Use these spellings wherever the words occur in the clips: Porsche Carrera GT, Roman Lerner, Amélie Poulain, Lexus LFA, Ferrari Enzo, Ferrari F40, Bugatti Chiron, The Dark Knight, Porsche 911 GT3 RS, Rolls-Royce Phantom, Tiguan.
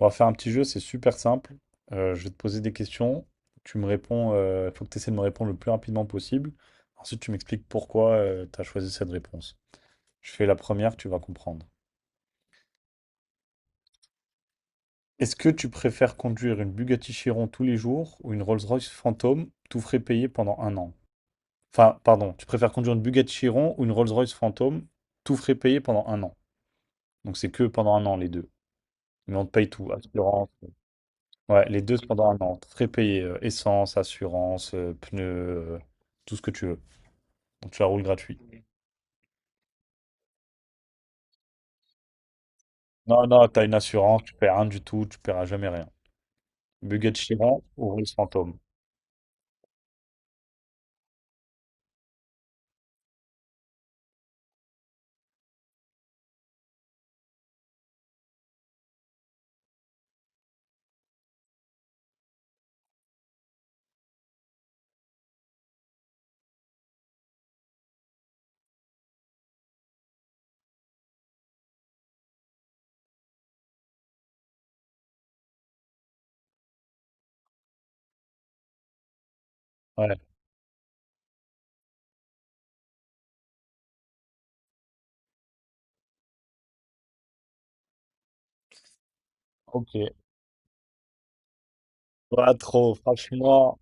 On va faire un petit jeu, c'est super simple. Je vais te poser des questions. Tu me réponds, il faut que tu essaies de me répondre le plus rapidement possible. Ensuite, tu m'expliques pourquoi tu as choisi cette réponse. Je fais la première, tu vas comprendre. Est-ce que tu préfères conduire une Bugatti Chiron tous les jours ou une Rolls-Royce Phantom, tout frais payé pendant un an? Enfin, pardon, tu préfères conduire une Bugatti Chiron ou une Rolls-Royce Phantom, tout frais payé pendant un an. Donc c'est que pendant un an les deux. Mais on te paye tout, assurance. Ouais, les deux pendant un an. Très payé, essence, assurance, pneus, euh, tout ce que tu veux. Donc tu la roules gratuit. Non, non, t'as une assurance, tu paies rien du tout, tu paieras jamais rien. Bugatti Chiron ou Rolls Phantom. Ouais, ok. Pas trop, franchement.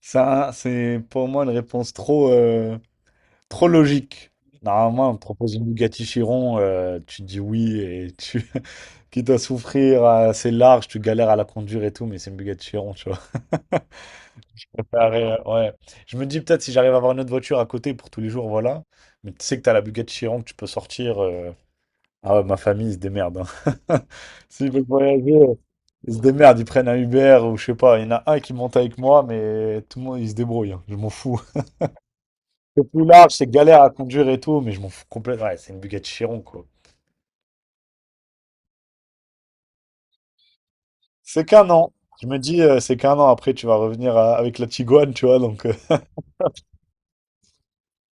Ça, c'est pour moi une réponse trop, trop logique. Normalement, on te propose une Bugatti Chiron, tu dis oui et tu qui dois souffrir, c'est large, tu galères à la conduire et tout, mais c'est une Bugatti Chiron, tu vois. Préparer, ouais. Je me dis peut-être si j'arrive à avoir une autre voiture à côté pour tous les jours, voilà. Mais tu sais que t'as la Bugatti Chiron que tu peux sortir. Ah ouais, ma famille, ils se démerdent, hein. S'ils veulent voyager, ils se démerdent. Ils prennent un Uber ou je sais pas. Il y en a un qui monte avec moi, mais tout le monde, il se débrouille, hein. Je m'en fous. C'est plus large, c'est galère à conduire et tout, mais je m'en fous complètement. Ouais, c'est une Bugatti Chiron, quoi. C'est qu'un an. Je me dis, c'est qu'un an après, tu vas revenir avec la Tiguan, tu vois, donc.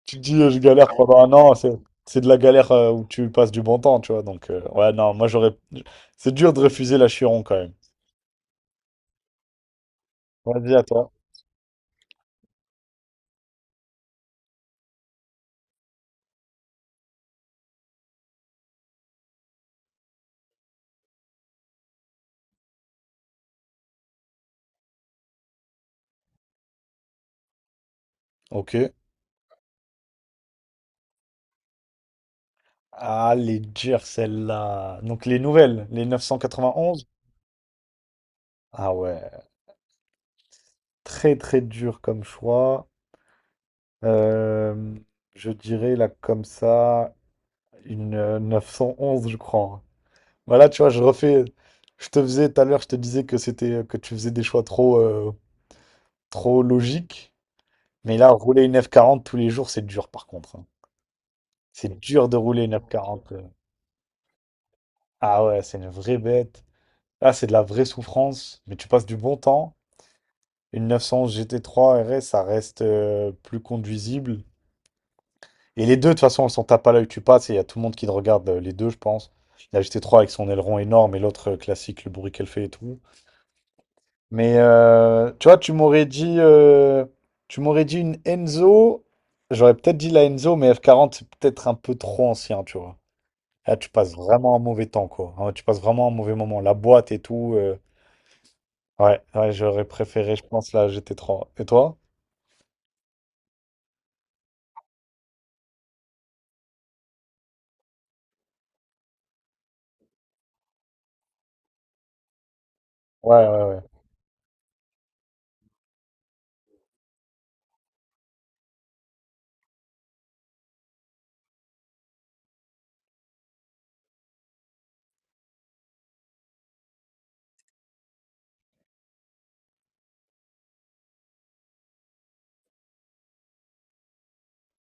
Tu te dis, je galère pendant un an, c'est de la galère, où tu passes du bon temps, tu vois. Donc, ouais, non, moi j'aurais. C'est dur de refuser la Chiron quand même. Vas-y, à toi. Ok. Ah, les dures, celle-là. Donc, les nouvelles, les 991. Ah ouais, très très dur comme choix. Euh, je dirais là, comme ça, une 911, je crois. Voilà, tu vois, je refais. Je te faisais tout à l'heure, je te disais que c'était que tu faisais des choix trop, trop logiques. Mais là, rouler une F40 tous les jours, c'est dur par contre, hein. C'est dur de rouler une F40. Ah ouais, c'est une vraie bête. Là, c'est de la vraie souffrance. Mais tu passes du bon temps. Une 911 GT3 RS, ça reste plus conduisible. Et les deux, de toute façon, elles sont tape à l'œil. Tu passes et il y a tout le monde qui te regarde, les deux, je pense. La GT3 avec son aileron énorme et l'autre classique, le bruit qu'elle fait et tout. Mais tu vois, tu m'aurais dit une Enzo. J'aurais peut-être dit la Enzo, mais F40 c'est peut-être un peu trop ancien, tu vois. Là, tu passes vraiment un mauvais temps, quoi. Hein, tu passes vraiment un mauvais moment. La boîte et tout. Ouais, ouais, j'aurais préféré, je pense, la GT3. Et toi? Ouais, ouais, ouais.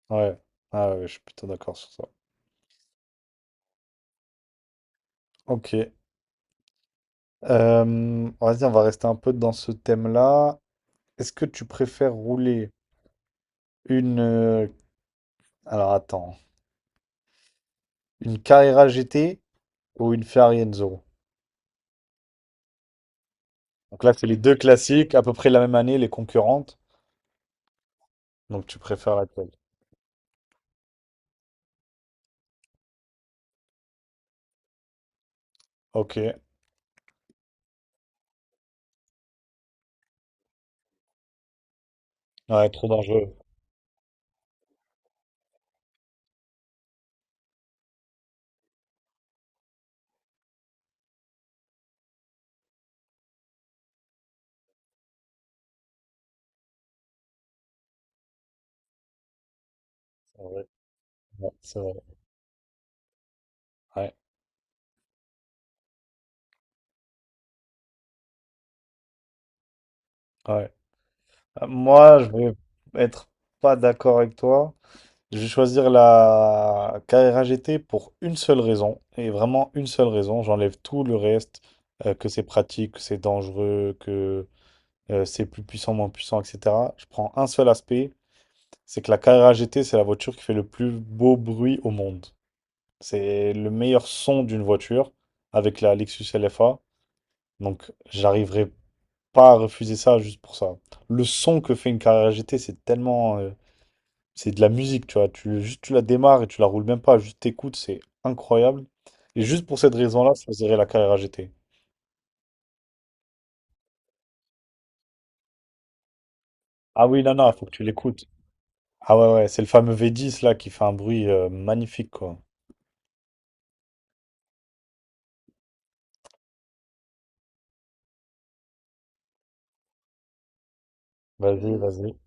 Ouais, ah ouais, je suis plutôt d'accord sur ça. Ok. Vas-y, on va rester un peu dans ce thème-là. Est-ce que tu préfères rouler une... euh, Alors attends, une Carrera GT ou une Ferrari Enzo. Donc là, c'est les deux classiques, à peu près la même année, les concurrentes. Donc tu préfères laquelle? Ok. Ouais, trop dangereux. C'est vrai. Ouais, c'est vrai. Ouais, ouais. Moi, je vais être pas d'accord avec toi. Je vais choisir la carrera GT pour une seule raison, et vraiment une seule raison. J'enlève tout le reste, que c'est pratique, que c'est dangereux, que c'est plus puissant, moins puissant, etc. Je prends un seul aspect, c'est que la carrera GT, c'est la voiture qui fait le plus beau bruit au monde. C'est le meilleur son d'une voiture avec la Lexus LFA. Donc, j'arriverai pas à refuser ça juste pour ça. Le son que fait une carrera GT, c'est tellement, c'est de la musique, tu vois. Juste, tu la démarres et tu la roules même pas, juste t'écoutes, c'est incroyable. Et juste pour cette raison-là, je choisirais la carrière GT. Ah oui, non, non, faut que tu l'écoutes. Ah ouais, ouais, c'est le fameux V10 là qui fait un bruit magnifique, quoi. Vas-y, vas-y.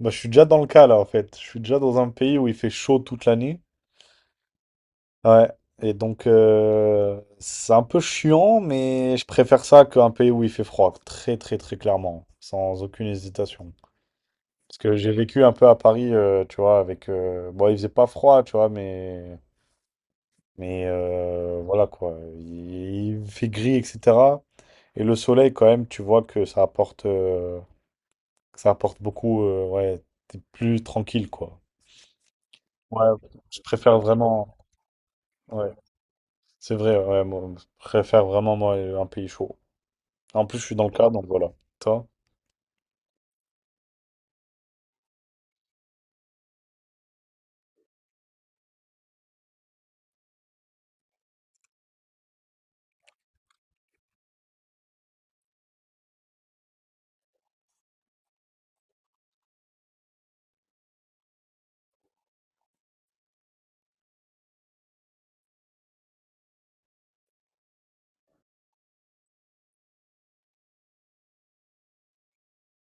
Bah, je suis déjà dans le cas là, en fait. Je suis déjà dans un pays où il fait chaud toute l'année. Ouais. Et donc, c'est un peu chiant, mais je préfère ça qu'un pays où il fait froid. Très, très, très clairement. Sans aucune hésitation. Parce que j'ai vécu un peu à Paris, tu vois, bon, il faisait pas froid, tu vois, mais... Mais voilà, quoi. Il fait gris, etc. Et le soleil, quand même, tu vois que que ça apporte beaucoup, ouais, t'es plus tranquille, quoi. Ouais, je préfère vraiment... Ouais, c'est vrai, ouais, moi, je préfère vraiment, moi, un pays chaud. En plus, je suis dans le cas, donc voilà. Toi?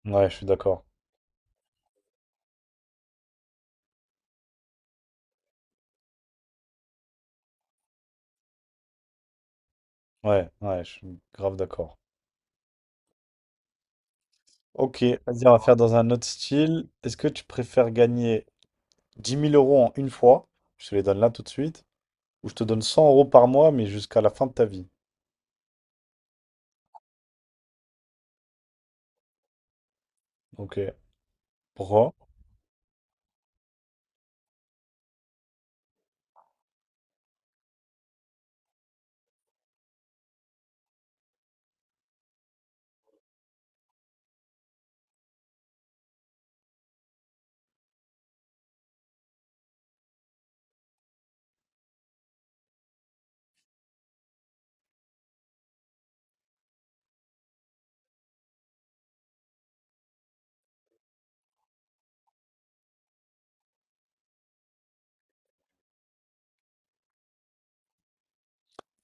Ouais, je suis d'accord. Ouais, ouais, je suis grave d'accord. Ok, vas-y, on va faire dans un autre style. Est-ce que tu préfères gagner 10 000 € en une fois, je te les donne là tout de suite, ou je te donne 100 € par mois, mais jusqu'à la fin de ta vie. Ok. Pourquoi?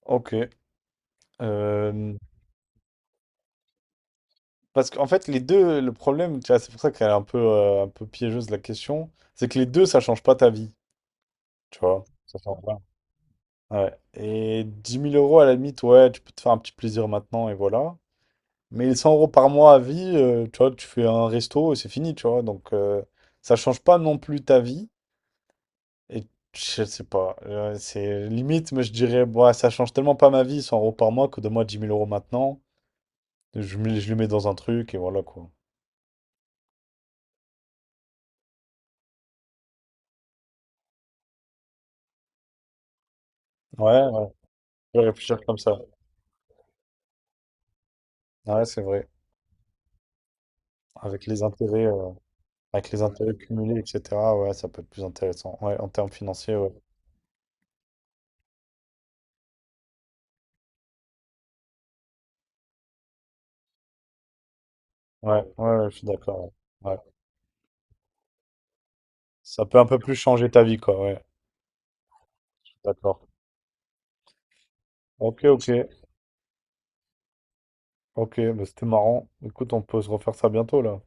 Ok. Euh, parce qu'en fait, les deux, le problème, tu vois, c'est pour ça qu'elle est un peu piégeuse la question, c'est que les deux, ça change pas ta vie, tu vois. Ça change pas. Ouais. Et dix mille euros, à la limite, ouais, tu peux te faire un petit plaisir maintenant, et voilà. Mais les 100 € par mois à vie, tu vois, tu fais un resto et c'est fini, tu vois. Donc, ça change pas non plus ta vie. Et je sais pas. C'est limite, mais je dirais, bah, ça change tellement pas ma vie, 100 € par mois, que de moi 10 000 € maintenant, je le mets dans un truc et voilà quoi. Ouais, ouais, je vais réfléchir comme ça. Ouais, c'est vrai. Avec les intérêts, euh, avec les intérêts cumulés, etc., ouais, ça peut être plus intéressant. Ouais, en termes financiers, ouais. Ouais, ouais, ouais, je suis d'accord. Ouais. Ouais. Ça peut un peu plus changer ta vie, quoi, ouais. Je suis d'accord. Ok, ok. Ok, bah, c'était marrant. Écoute, on peut se refaire ça bientôt, là.